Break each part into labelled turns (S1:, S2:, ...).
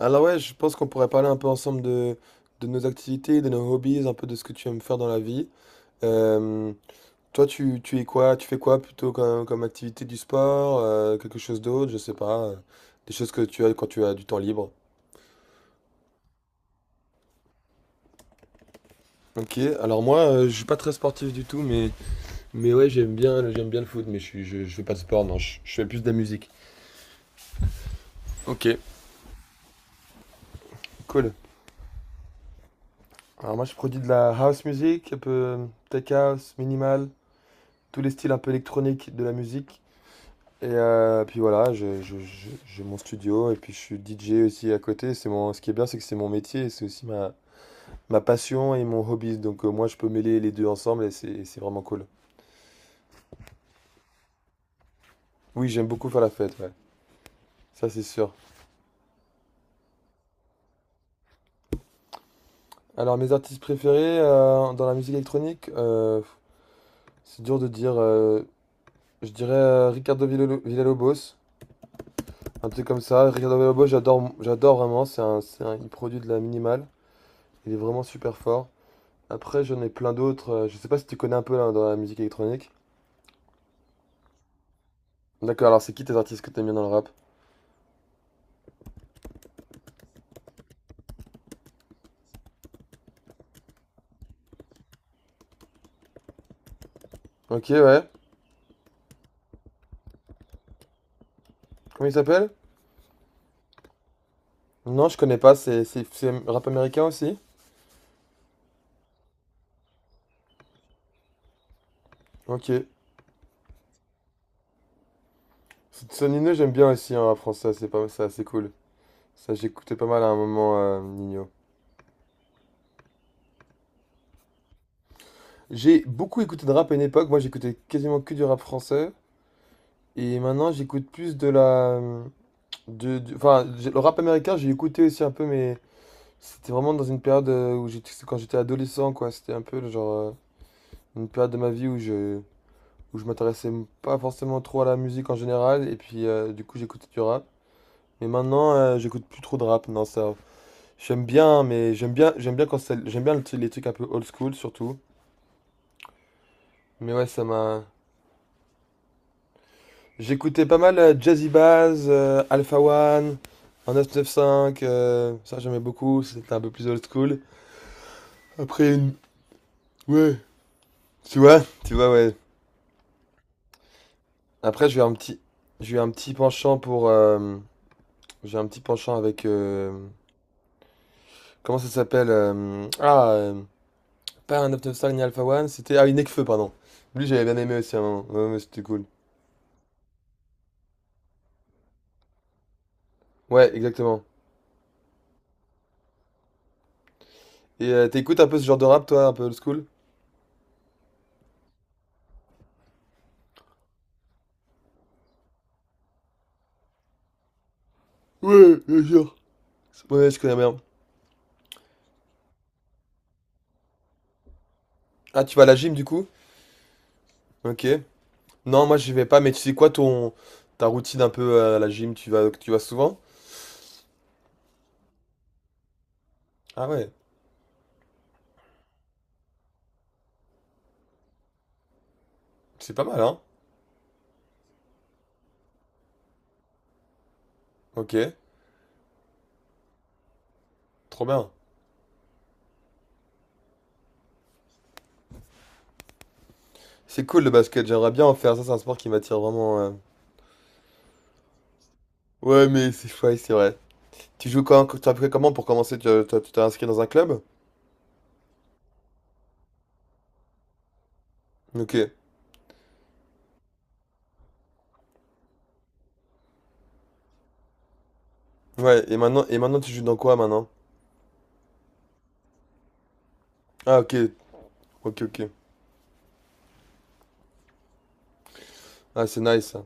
S1: Alors ouais, je pense qu'on pourrait parler un peu ensemble de nos activités, de nos hobbies, un peu de ce que tu aimes faire dans la vie. Euh, Toi, tu es quoi? Tu fais quoi plutôt comme activité du sport, quelque chose d'autre, je sais pas, des choses que tu as quand tu as du temps libre. Ok, alors moi, je suis pas très sportif du tout, mais ouais, j'aime bien le foot, mais je fais pas de sport, non, je fais plus de la musique. Ok, cool. Alors moi, je produis de la house music, un peu tech house, minimal, tous les styles un peu électroniques de la musique. Et puis voilà, j'ai mon studio et puis je suis DJ aussi à côté. C'est mon, ce qui est bien, c'est que c'est mon métier, et c'est aussi ma passion et mon hobby. Donc moi, je peux mêler les deux ensemble et c'est vraiment cool. Oui, j'aime beaucoup faire la fête, ouais. Ça, c'est sûr. Alors, mes artistes préférés dans la musique électronique, c'est dur de dire. Je dirais Ricardo Villalobos, un truc comme ça. Ricardo Villalobos, j'adore, j'adore vraiment. Il produit de la minimale. Il est vraiment super fort. Après, j'en ai plein d'autres. Je sais pas si tu connais un peu là, dans la musique électronique. D'accord, alors c'est qui tes artistes que t'aimes bien dans le rap? Ok, ouais. Comment il s'appelle? Non, je connais pas. C'est rap américain aussi? Ok. C'est Nino, j'aime bien aussi hein, en rap français. C'est pas, c'est assez cool. Ça, j'écoutais pas mal à un moment, Nino. J'ai beaucoup écouté de rap à une époque. Moi, j'écoutais quasiment que du rap français. Et maintenant, j'écoute plus de la. Le rap américain, j'ai écouté aussi un peu, mais c'était vraiment dans une période où j'étais, quand j'étais adolescent, quoi. C'était un peu le genre. Une période de ma vie où où je m'intéressais pas forcément trop à la musique en général, et puis du coup j'écoutais du rap. Mais maintenant, j'écoute plus trop de rap, non, ça. J'aime bien, quand j'aime bien les trucs un peu old school surtout. Mais ouais, ça m'a. J'écoutais pas mal Jazzy Bass, Alpha One, un 995, ça j'aimais beaucoup, c'était un peu plus old school. Après, une... ouais, tu vois, ouais. Après, j'ai eu un petit penchant pour, j'ai un petit penchant avec comment ça s'appelle pas un Up Style ni Alpha One, c'était. Ah, oui, Nekfeu, pardon. Lui, j'avais bien aimé aussi à un moment. Ouais, ouais, c'était cool. Ouais, exactement. Et t'écoutes un peu ce genre de rap, toi, un peu old school? Ouais, bien sûr. Ouais, je connais bien. Ah, tu vas à la gym, du coup? Ok. Non, moi, j'y vais pas, mais tu sais quoi, ton ta routine un peu à la gym, tu vas souvent? Ah ouais, c'est pas mal, hein? Ok, trop bien. C'est cool le basket, j'aimerais bien en faire, ça, c'est un sport qui m'attire vraiment. Ouais, mais c'est chouette, c'est vrai. Tu joues quand, tu as appris comment pour commencer? Tu t'es inscrit dans un club? Ok. Ouais, et maintenant tu joues dans quoi maintenant? Ah ok, ok. Ah c'est nice ça.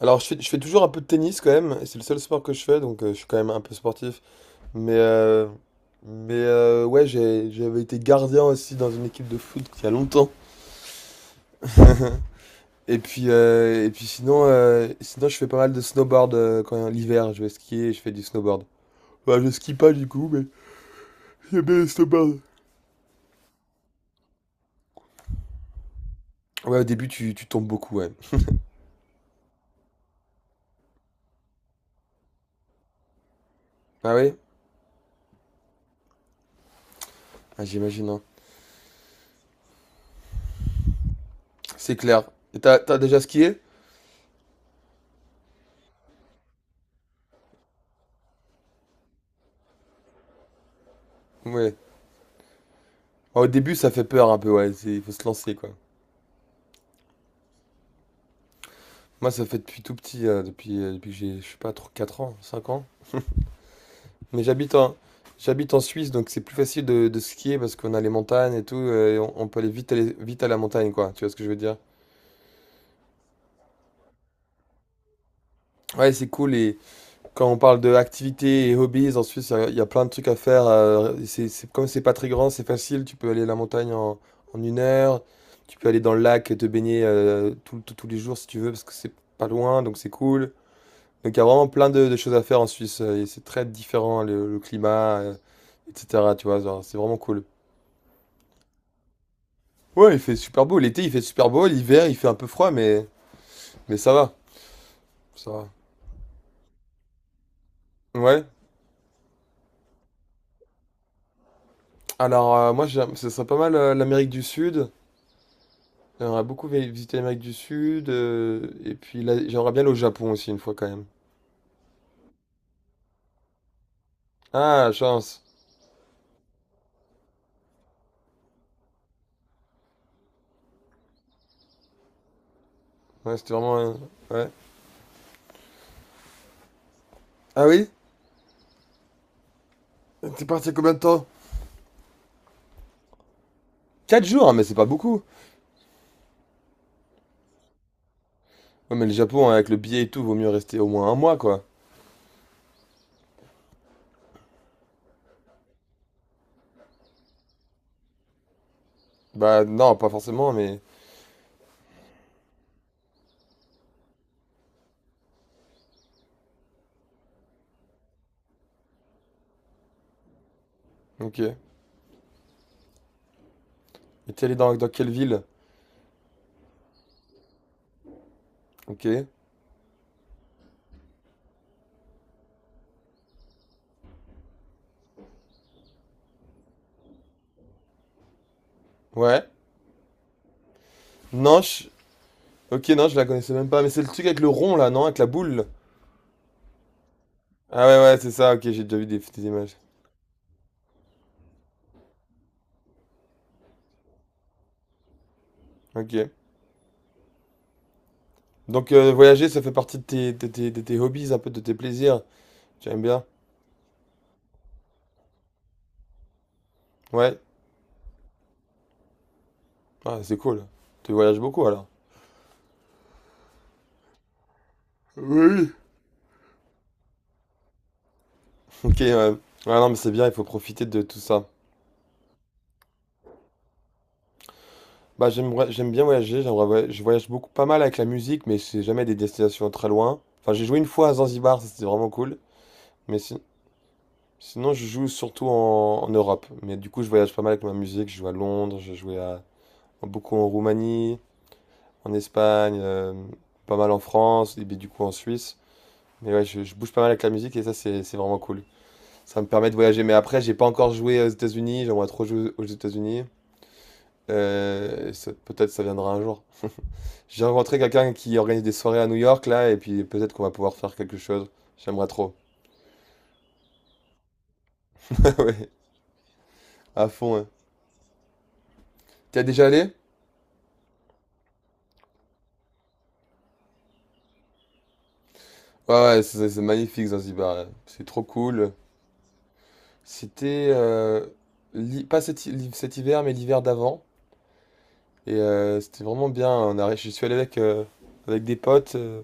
S1: Alors je fais toujours un peu de tennis quand même, et c'est le seul sport que je fais, donc je suis quand même un peu sportif. Mais, euh, ouais, j'avais été gardien aussi dans une équipe de foot il y a longtemps. Et puis sinon, sinon je fais pas mal de snowboard quand l'hiver, je vais skier, je fais du snowboard. Ouais, je skie pas du coup, mais j'aime bien le snowboard. Ouais, au début tu tombes beaucoup, ouais. Ah oui? Ah, j'imagine, hein. C'est clair. Et t'as déjà skié? Ouais. Ah, au début, ça fait peur un peu, ouais. Il faut se lancer, quoi. Moi, ça fait depuis tout petit, depuis, depuis que j'ai, je sais pas, trop 4 ans, 5 ans. Mais j'habite en, j'habite en Suisse, donc c'est plus facile de skier parce qu'on a les montagnes et tout, et on peut aller vite à la montagne, quoi. Tu vois ce que je veux dire? Ouais, c'est cool. Et, quand on parle de activités et hobbies, en Suisse, il y a plein de trucs à faire. C'est, comme c'est pas très grand, c'est facile. Tu peux aller à la montagne en 1 heure. Tu peux aller dans le lac et te baigner tous les jours si tu veux, parce que c'est pas loin, donc c'est cool. Donc il y a vraiment plein de choses à faire en Suisse. Et c'est très différent, le climat, etc. Tu vois, genre, c'est vraiment cool. Ouais, il fait super beau. L'été, il fait super beau. L'hiver, il fait un peu froid, mais ça va. Ça va. Ouais. Alors, moi, ce serait pas mal l'Amérique du Sud. On J'aimerais beaucoup visiter l'Amérique du Sud, et puis là, j'aimerais bien aller au Japon aussi une fois quand même. Ah, chance. Ouais, c'était Ouais. Ah oui? T'es parti combien de temps? 4 jours, hein, mais c'est pas beaucoup. Ouais, mais le Japon, hein, avec le billet et tout, vaut mieux rester au moins 1 mois, quoi. Bah non, pas forcément, mais... Ok. Et t'es allé dans quelle ville? Ok. Ouais. Non, je... Ok, non, je la connaissais même pas, mais c'est le truc avec le rond, là, non? Avec la boule. Ah ouais, ouais, c'est ça, ok, j'ai déjà vu des images. Ok. Donc voyager, ça fait partie de de tes hobbies, un peu de tes plaisirs. Tu aimes bien? Ouais. Ah, c'est cool. Tu voyages beaucoup alors. Oui. Ok, ouais. Ouais, non, mais c'est bien, il faut profiter de tout ça. Bah, j'aime bien voyager, je voyage beaucoup, pas mal avec la musique, mais c'est jamais des destinations très loin. Enfin, j'ai joué une fois à Zanzibar, ça c'était vraiment cool. Mais si- Sinon, je joue surtout en Europe. Mais du coup, je voyage pas mal avec ma musique, je joue à Londres, beaucoup en Roumanie, en Espagne, pas mal en France, et puis du coup en Suisse. Mais ouais, je bouge pas mal avec la musique et ça, c'est vraiment cool. Ça me permet de voyager, mais après, j'ai pas encore joué aux États-Unis, j'aimerais trop jouer aux États-Unis. Peut-être ça viendra un jour. J'ai rencontré quelqu'un qui organise des soirées à New York là, et puis peut-être qu'on va pouvoir faire quelque chose. J'aimerais trop. Ouais, à fond. Ouais. T'y as déjà allé? Ouais, ouais, c'est magnifique Zanzibar. Ouais. C'est trop cool. C'était l'hi- pas cet, hi- l'hi- cet hiver, mais l'hiver d'avant. Et c'était vraiment bien. Je suis allé avec, avec des potes.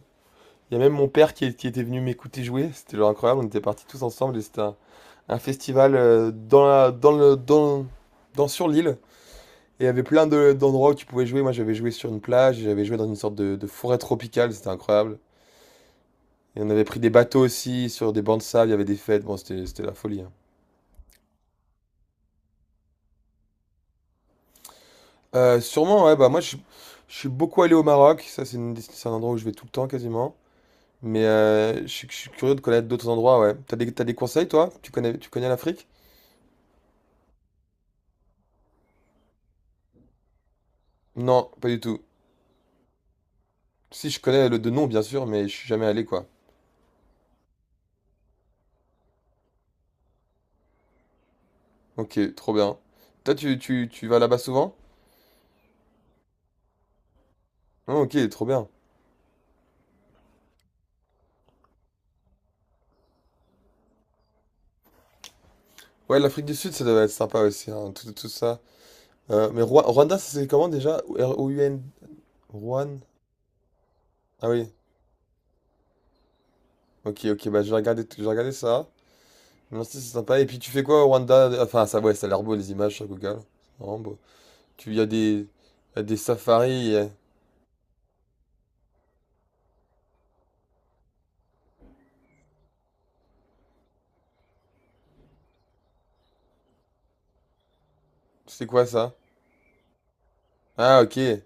S1: Il y a même mon père qui, qui était venu m'écouter jouer, c'était genre incroyable, on était partis tous ensemble et c'était un festival dans la- dans le, dans, dans- sur l'île. Et il y avait plein d'endroits où tu pouvais jouer. Moi j'avais joué sur une plage, et j'avais joué dans une sorte de forêt tropicale, c'était incroyable. Et on avait pris des bateaux aussi sur des bancs de sable, il y avait des fêtes, bon c'était la folie. Hein. Sûrement, ouais, je suis beaucoup allé au Maroc, ça c'est un endroit où je vais tout le temps quasiment. Mais je suis curieux de connaître d'autres endroits, ouais. T'as des conseils toi? Tu connais l'Afrique? Non, pas du tout. Si, je connais le de nom, bien sûr, mais je suis jamais allé, quoi. Ok, trop bien. Toi, tu vas là-bas souvent? Ah, ok, trop bien. Ouais, l'Afrique du Sud, ça doit être sympa aussi, hein, tout ça. Mais Rwanda, ça c'est comment déjà? R-O-U-N... Rwan? Ah oui. Ok, bah je vais regarder ça. Merci, c'est sympa. Et puis tu fais quoi au Rwanda? Enfin, ça, ouais, ça a l'air beau, les images sur Google. C'est vraiment beau. Tu, y a des, y a des safaris. C'est quoi ça? Ah, ok.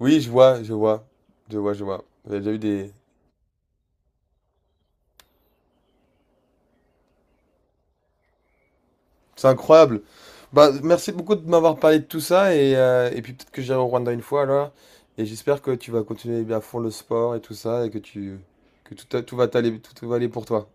S1: Oui, je vois, je vois. Je vois, je vois. J'avais déjà eu des, c'est incroyable. Bah, merci beaucoup de m'avoir parlé de tout ça et puis peut-être que j'irai au Rwanda une fois alors. Et j'espère que tu vas continuer bien à fond le sport et tout ça et que tu que tout va t'aller tout va aller pour toi.